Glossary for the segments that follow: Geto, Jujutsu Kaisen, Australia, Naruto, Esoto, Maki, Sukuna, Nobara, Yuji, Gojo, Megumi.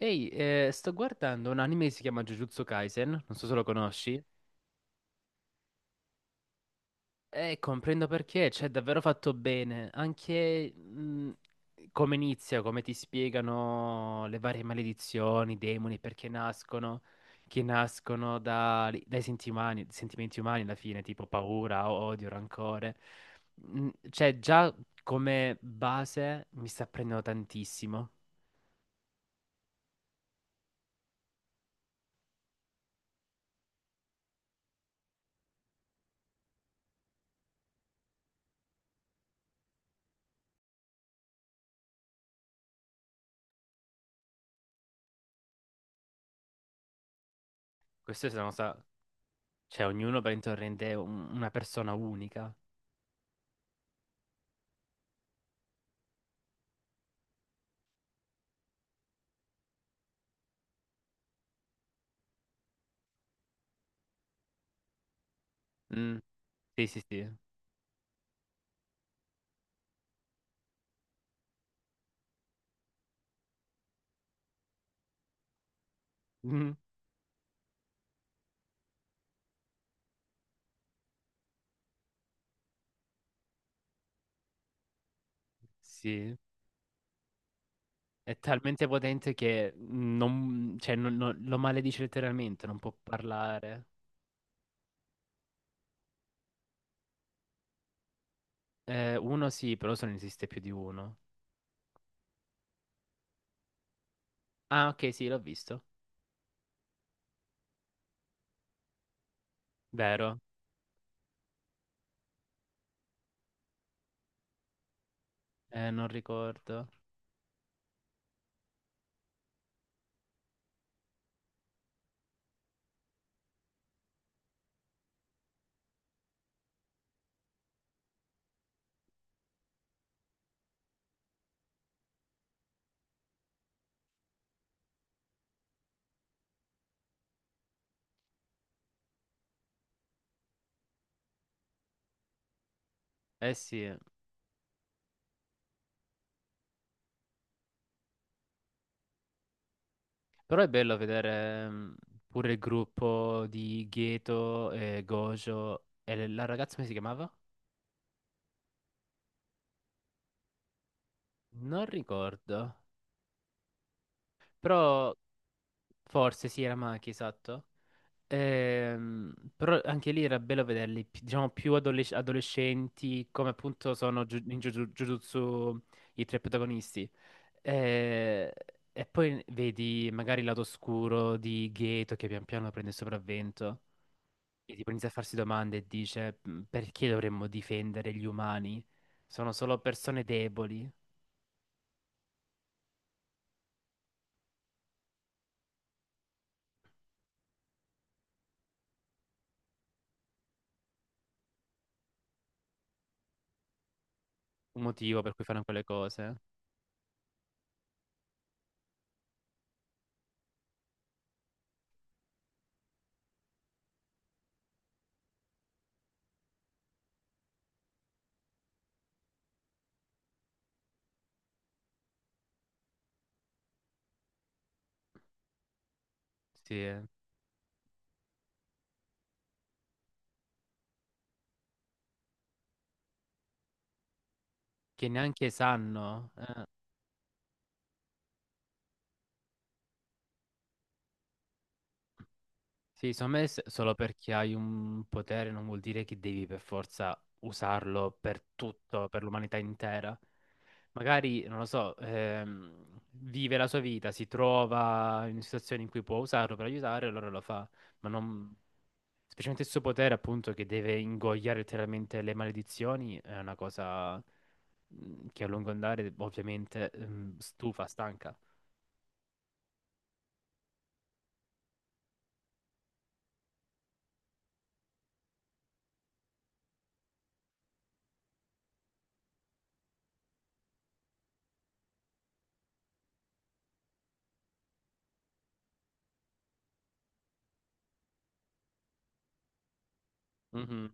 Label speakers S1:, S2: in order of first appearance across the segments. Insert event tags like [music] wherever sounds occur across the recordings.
S1: Ehi, sto guardando un anime che si chiama Jujutsu Kaisen, non so se lo conosci, e comprendo perché, cioè, è davvero fatto bene, anche come inizia, come ti spiegano le varie maledizioni, i demoni, perché nascono, che nascono dai sentimenti umani alla fine, tipo paura, odio, rancore. Cioè, già come base mi sta prendendo tantissimo. Questo è una cosa, cioè, ognuno per intorno rende una persona unica. Mm. Sì, sì, sì. Mm. Sì. È talmente potente che non, cioè, lo maledice letteralmente, non può parlare. Uno sì, però se ne esiste più di uno. Ah, ok, sì, l'ho visto. Vero? Non ricordo. Eh sì. Però è bello vedere pure il gruppo di Geto e Gojo. E la ragazza come si chiamava? Non ricordo. Però forse sì, era Maki, esatto. Però anche lì era bello vederli, diciamo, più adolescenti, come appunto sono in Jujutsu i tre protagonisti. Eh, E, poi vedi magari il lato oscuro di Gato che pian piano prende il sopravvento e tipo inizia a farsi domande e dice: Perché dovremmo difendere gli umani? Sono solo persone deboli. Un motivo per cui fanno quelle cose. Sì, eh. Che neanche sanno, eh. Sì, secondo me solo perché hai un potere non vuol dire che devi per forza usarlo per tutto, per l'umanità intera. Magari, non lo so, vive la sua vita, si trova in situazioni in cui può usarlo per aiutare, allora lo fa. Ma non. Specialmente il suo potere, appunto, che deve ingoiare letteralmente le maledizioni, è una cosa che a lungo andare, ovviamente, stufa, stanca. Mhm,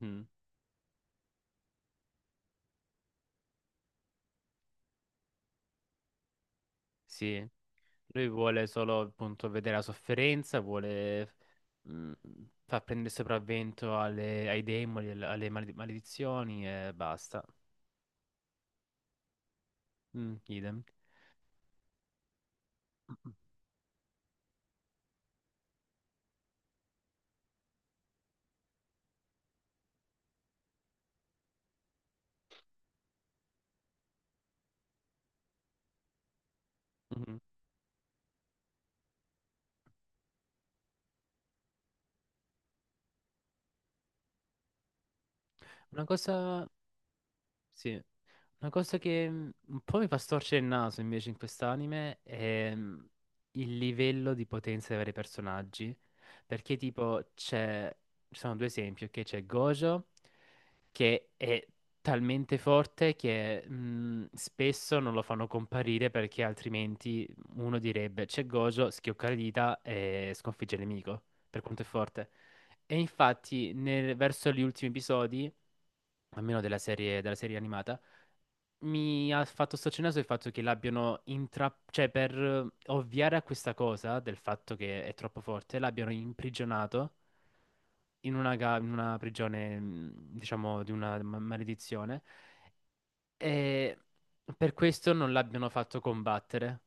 S1: mhm. Sì. Lui vuole solo appunto vedere la sofferenza, vuole mh, far prendere sopravvento ai demoni, alle maledizioni e basta. Mm, idem. Mhm. Una cosa, sì. Una cosa che un po' mi fa storcere il naso invece in quest'anime è il livello di potenza dei vari personaggi. Perché tipo ci sono due esempi, ok? C'è Gojo che è talmente forte che spesso non lo fanno comparire perché altrimenti uno direbbe c'è Gojo, schioccare le dita e sconfigge il nemico, per quanto è forte. E infatti verso gli ultimi episodi, almeno della serie animata, mi ha fatto staccionare il fatto che l'abbiano cioè per ovviare a questa cosa del fatto che è troppo forte, l'abbiano imprigionato in una prigione, diciamo, di una maledizione e per questo non l'abbiano fatto combattere.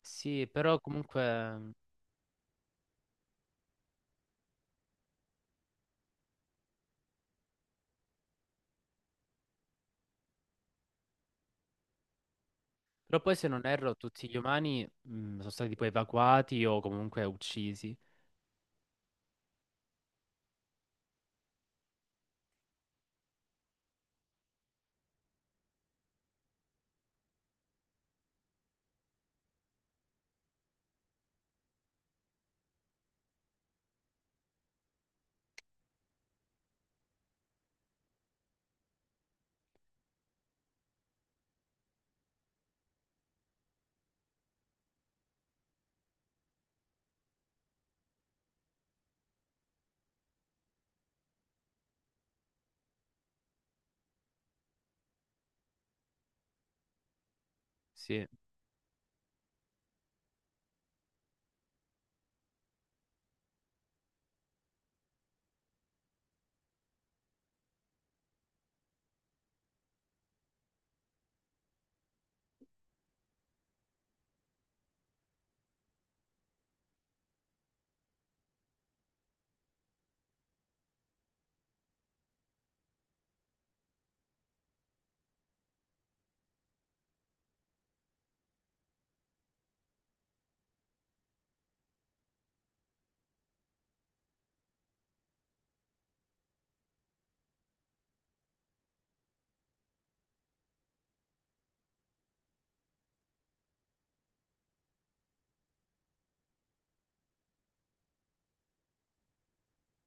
S1: Sì, però comunque. Però poi se non erro tutti gli umani sono stati poi evacuati o comunque uccisi. Sì.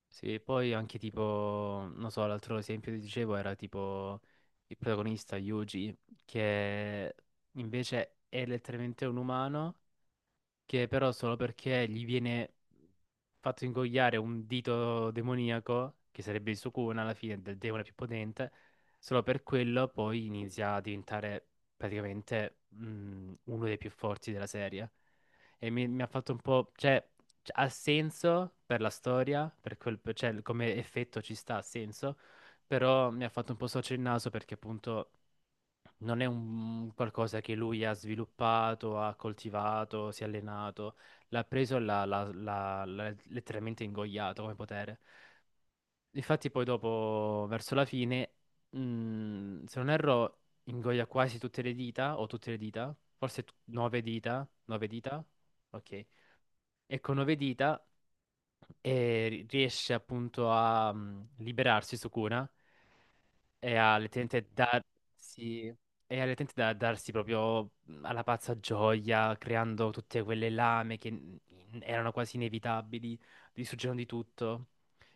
S1: Sì, poi anche tipo, non so, l'altro esempio che ti dicevo era tipo il protagonista Yuji, che invece è letteralmente un umano, che però solo perché gli viene fatto ingoiare un dito demoniaco, che sarebbe il Sukuna alla fine, del demone più potente, solo per quello poi inizia a diventare praticamente uno dei più forti della serie. E mi ha fatto un po'. Cioè, ha senso per la storia, per quel, cioè, come effetto ci sta, ha senso, però mi ha fatto un po' sorgere il naso perché appunto non è un qualcosa che lui ha sviluppato, ha coltivato, si è allenato, l'ha preso e l'ha letteralmente ingoiato come potere. Infatti poi dopo, verso la fine, se non erro, ingoia quasi tutte le dita, o tutte le dita, forse nove dita, ok e con nove dita e riesce appunto a liberarsi Sukuna e a letteralmente darsi e a letteralmente darsi proprio alla pazza gioia, creando tutte quelle lame che erano quasi inevitabili, distruggendo di tutto.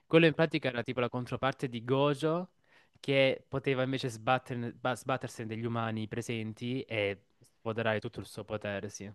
S1: Quello in pratica era tipo la controparte di Gojo che poteva invece sbattersene degli umani presenti e sfoderare tutto il suo potere, sì.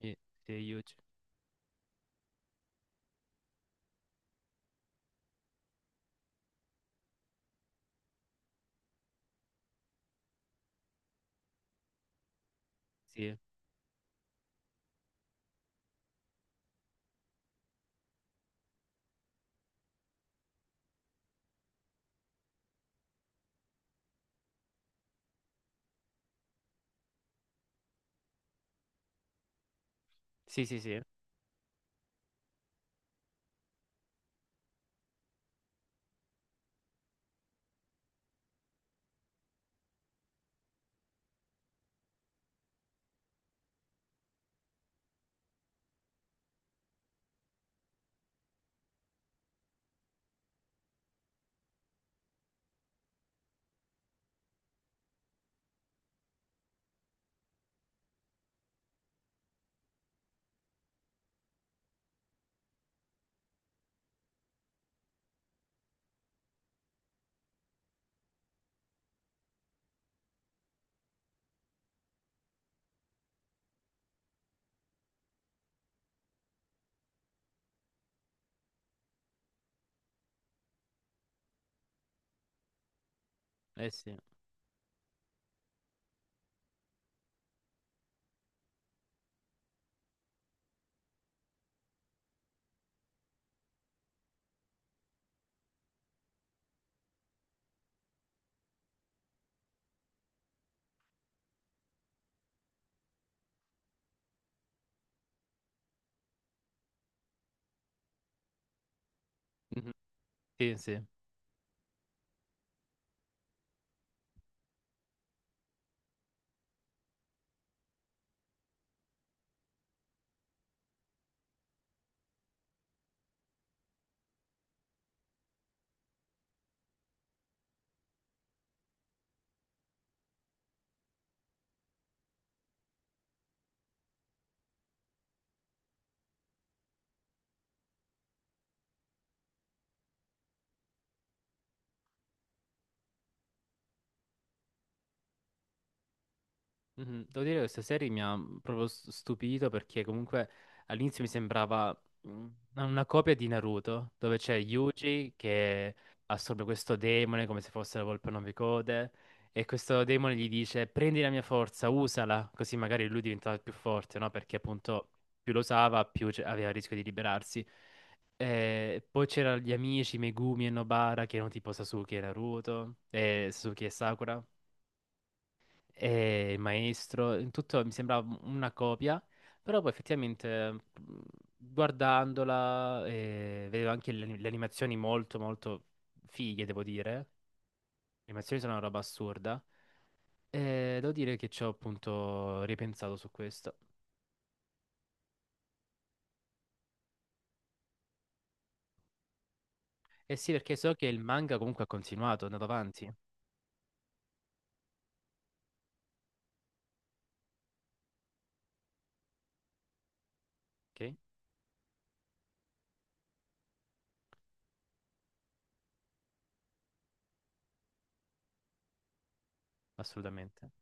S1: Sì, sì, Yuji. Sì, sì, sì, sì. Eh sì. Mhm, sì, sì. Mhm. Devo dire che questa serie mi ha proprio stupito perché comunque all'inizio mi sembrava mm, una copia di Naruto, dove c'è Yuji che assorbe questo demone come se fosse la volpe a nove code e questo demone gli dice prendi la mia forza, usala, così magari lui diventava più forte, no? Perché appunto più lo usava, più aveva il rischio di liberarsi. Poi c'erano gli amici Megumi e Nobara che erano tipo Sasuke e Naruto, e Sasuke e Sakura. E il maestro, in tutto mi sembrava una copia, però poi effettivamente guardandola vedevo anche le animazioni molto molto fighe, devo dire. Le animazioni sono una roba assurda. E devo dire che ci ho appunto ripensato su questo. E sì, perché so che il manga comunque ha continuato, è andato avanti, ok? Assolutamente.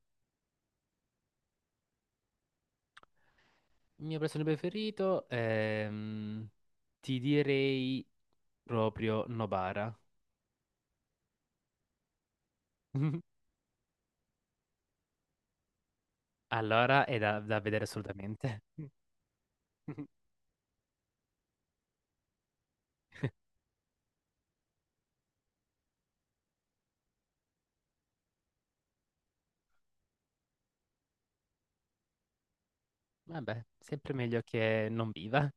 S1: Il mio personaggio preferito ti direi proprio Nobara. [laughs] Allora è da vedere assolutamente. [laughs] Vabbè, sempre meglio che non viva.